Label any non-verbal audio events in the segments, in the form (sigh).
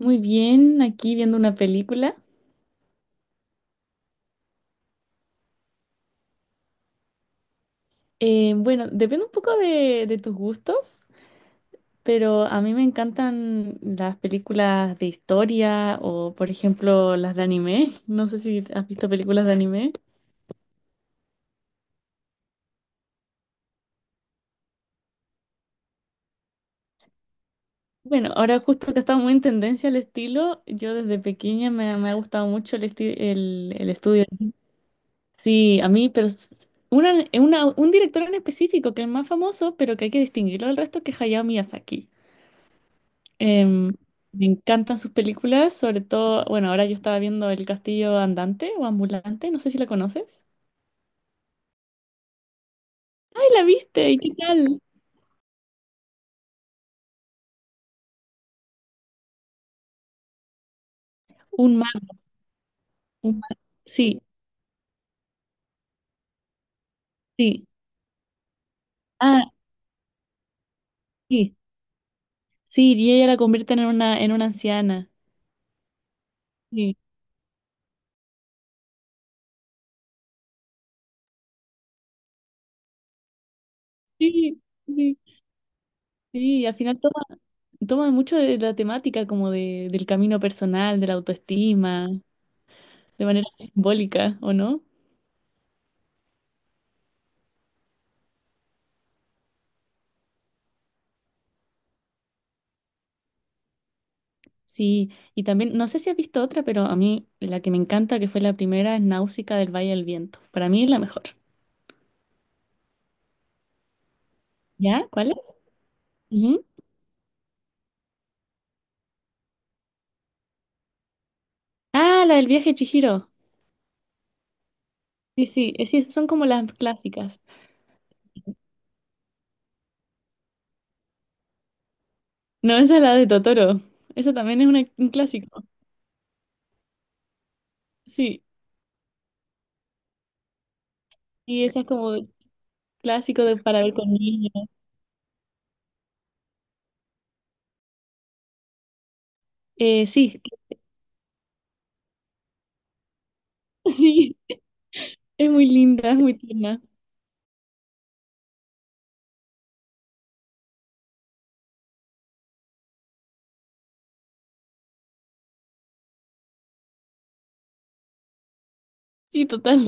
Muy bien, aquí viendo una película. Bueno, depende un poco de tus gustos, pero a mí me encantan las películas de historia o, por ejemplo, las de anime. (laughs) No sé si has visto películas de anime. Bueno, ahora justo que está muy en tendencia el estilo, yo desde pequeña me ha gustado mucho el estudio. Sí, a mí, pero un director en específico que es más famoso, pero que hay que distinguirlo del resto, que es Hayao Miyazaki. Em, Me encantan sus películas, sobre todo, bueno, ahora yo estaba viendo El Castillo Andante o Ambulante, no sé si la conoces. ¡Ay, la viste! ¿Y qué tal? Un mago, un mago. Sí, sí. Ah, sí, sí, y ella la convierte en una anciana. Sí, sí, sí. Sí, y al final toma mucho de la temática como del camino personal, de la autoestima, de manera simbólica, ¿o no? Sí, y también, no sé si has visto otra, pero a mí la que me encanta, que fue la primera, es Náusica del Valle del Viento. Para mí es la mejor. ¿Ya? ¿Cuál es? Ujú. Ah, la del viaje de Chihiro. Sí, sí, sí, esas son como las clásicas. No, esa es la de Totoro. Esa también es un clásico. Sí, y esa es como el clásico de para ver con niños. Sí, (laughs) sí, es muy linda, es muy tierna. Sí, total.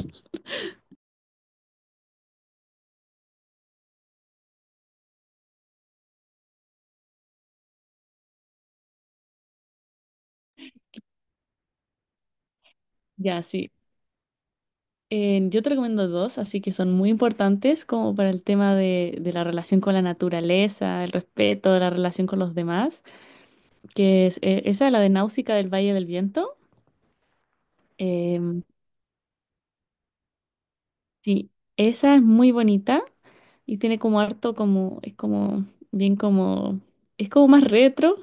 Ya, sí. Yo te recomiendo dos, así que son muy importantes como para el tema de la relación con la naturaleza, el respeto, la relación con los demás, que es esa, la de Náusica del Valle del Viento. Eh, sí, esa es muy bonita y tiene como harto como, es como, bien como, es como más retro.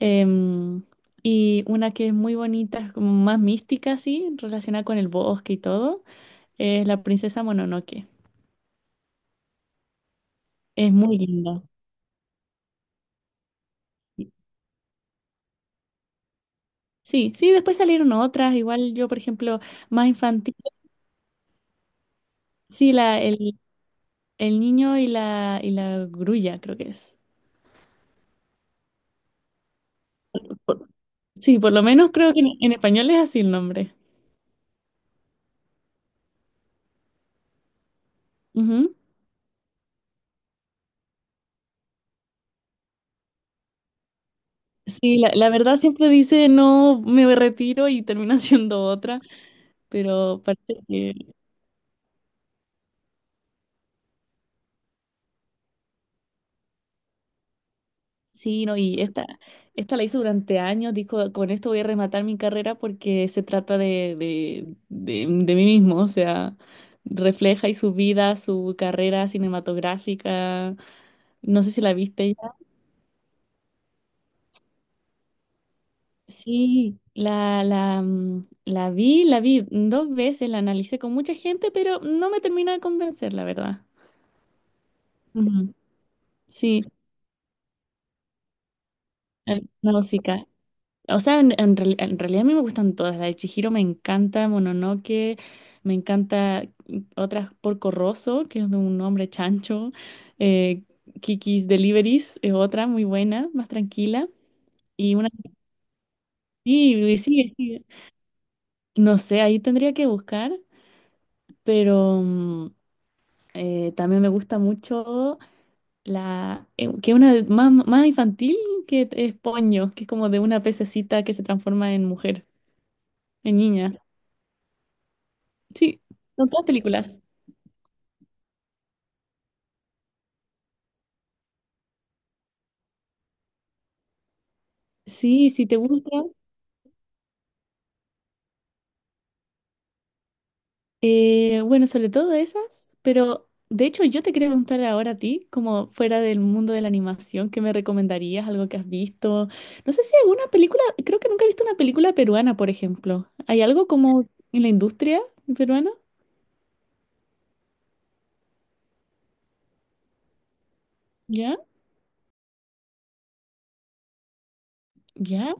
em, y una que es muy bonita, es como más mística, así, relacionada con el bosque y todo, es La Princesa Mononoke. Es muy linda. Sí, sí, después salieron otras, igual yo, por ejemplo, más infantil, sí, el niño y la grulla, creo que es. Sí, por lo menos creo que en español es así el nombre. Ujú. Sí, la verdad siempre dice, no, me retiro y termina (laughs) siendo otra, pero parece que sí. No, y esta la hizo durante años, dijo, con esto voy a rematar mi carrera porque se trata de mí mismo, o sea, refleja y su vida, su carrera cinematográfica, no sé si la viste ya. Sí, la vi dos veces, la analicé con mucha gente, pero no me termina de convencer, la verdad. Ujú. Sí, la música. O sea, en realidad a mí me gustan todas. La de Chihiro me encanta, Mononoke, me encanta otras Porco Rosso, que es de un hombre chancho. eh, Kiki's Deliveries es otra muy buena, más tranquila. Y una. Sí, y sí, sí. No sé, ahí tendría que buscar, pero también me gusta mucho la. Que es una más, más infantil, que es Poño, que es como de una pececita que se transforma en mujer, en niña. Sí, son todas películas. Sí, si te gusta. Bueno, sobre todo esas, pero de hecho yo te quería preguntar ahora a ti, como fuera del mundo de la animación, ¿qué me recomendarías? ¿Algo que has visto? No sé si hay alguna película, creo que nunca he visto una película peruana, por ejemplo. ¿Hay algo como en la industria peruana? ¿Ya? ¿Ya?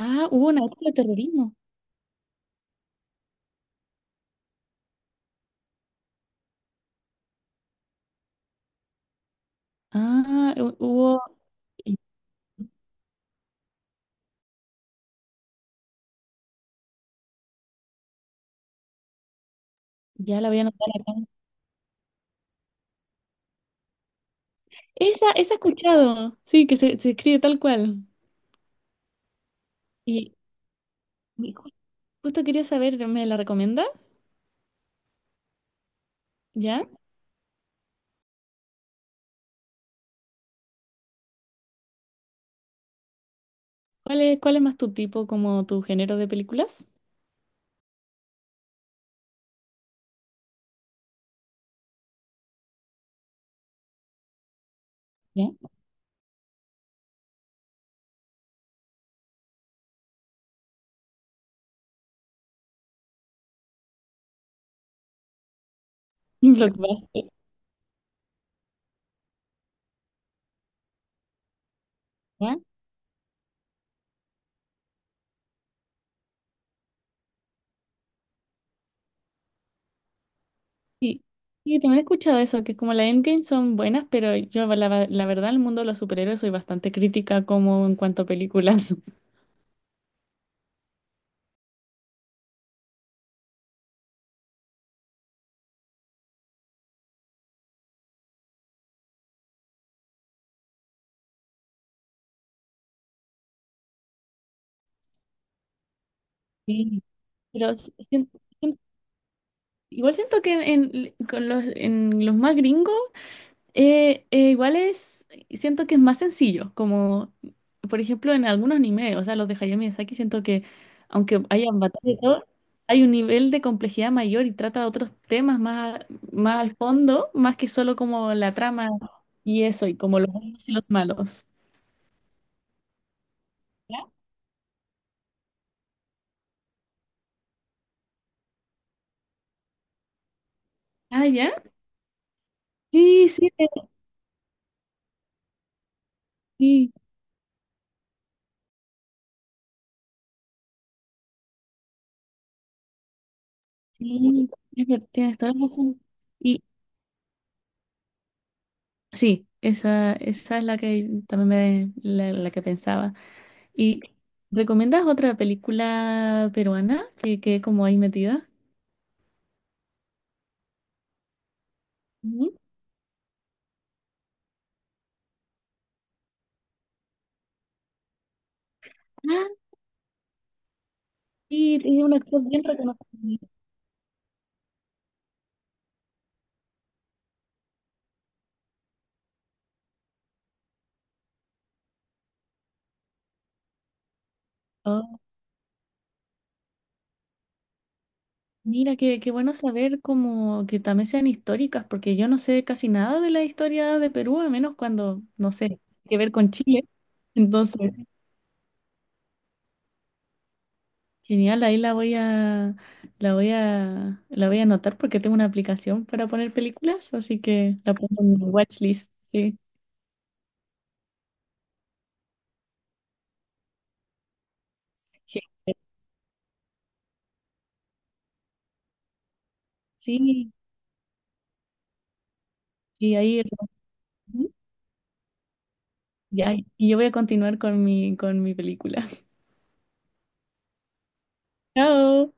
Ah, hubo una época de terrorismo. Ah, hubo... Ya la voy a anotar acá. Esa he escuchado. Sí, que se escribe tal cual. Y justo quería saber, ¿me la recomienda? ¿Ya? ¿Cuál es más tu tipo, como tu género de películas? ¿Ya? (laughs) Un Blockbuster, ¿ya? Sí. Sí, también he escuchado eso, que como la Endgame son buenas, pero yo la verdad, el mundo de los superhéroes soy bastante crítica como en cuanto a películas. (laughs) Sí. Pero si- si- Igual siento que con en los más gringos. Igual es, siento que es más sencillo, como por ejemplo en algunos animes, o sea, los de Hayao Miyazaki, siento que aunque haya batallas y todo, hay un nivel de complejidad mayor y trata de otros temas más, más al fondo, más que solo como la trama y eso, y como los buenos y los malos. ¿Ya? Ah, ¿ya? Sí, sí, sí, sí, tienes toda la razón. Y sí, esa es la que también me, la la que pensaba. ¿Y recomiendas otra película peruana que quede como ahí metida? Ujú. Ah, sí, tiene un actor bien reconocido. Oh, mira, qué, qué bueno saber como que también sean históricas, porque yo no sé casi nada de la historia de Perú, a menos cuando, no sé, tiene que ver con Chile. Entonces, genial, ahí la voy a anotar porque tengo una aplicación para poner películas, así que la pongo en mi watchlist. Sí, Ge- sí, sí, ahí. Ya, y yo voy a continuar con mi película. (laughs) Chao.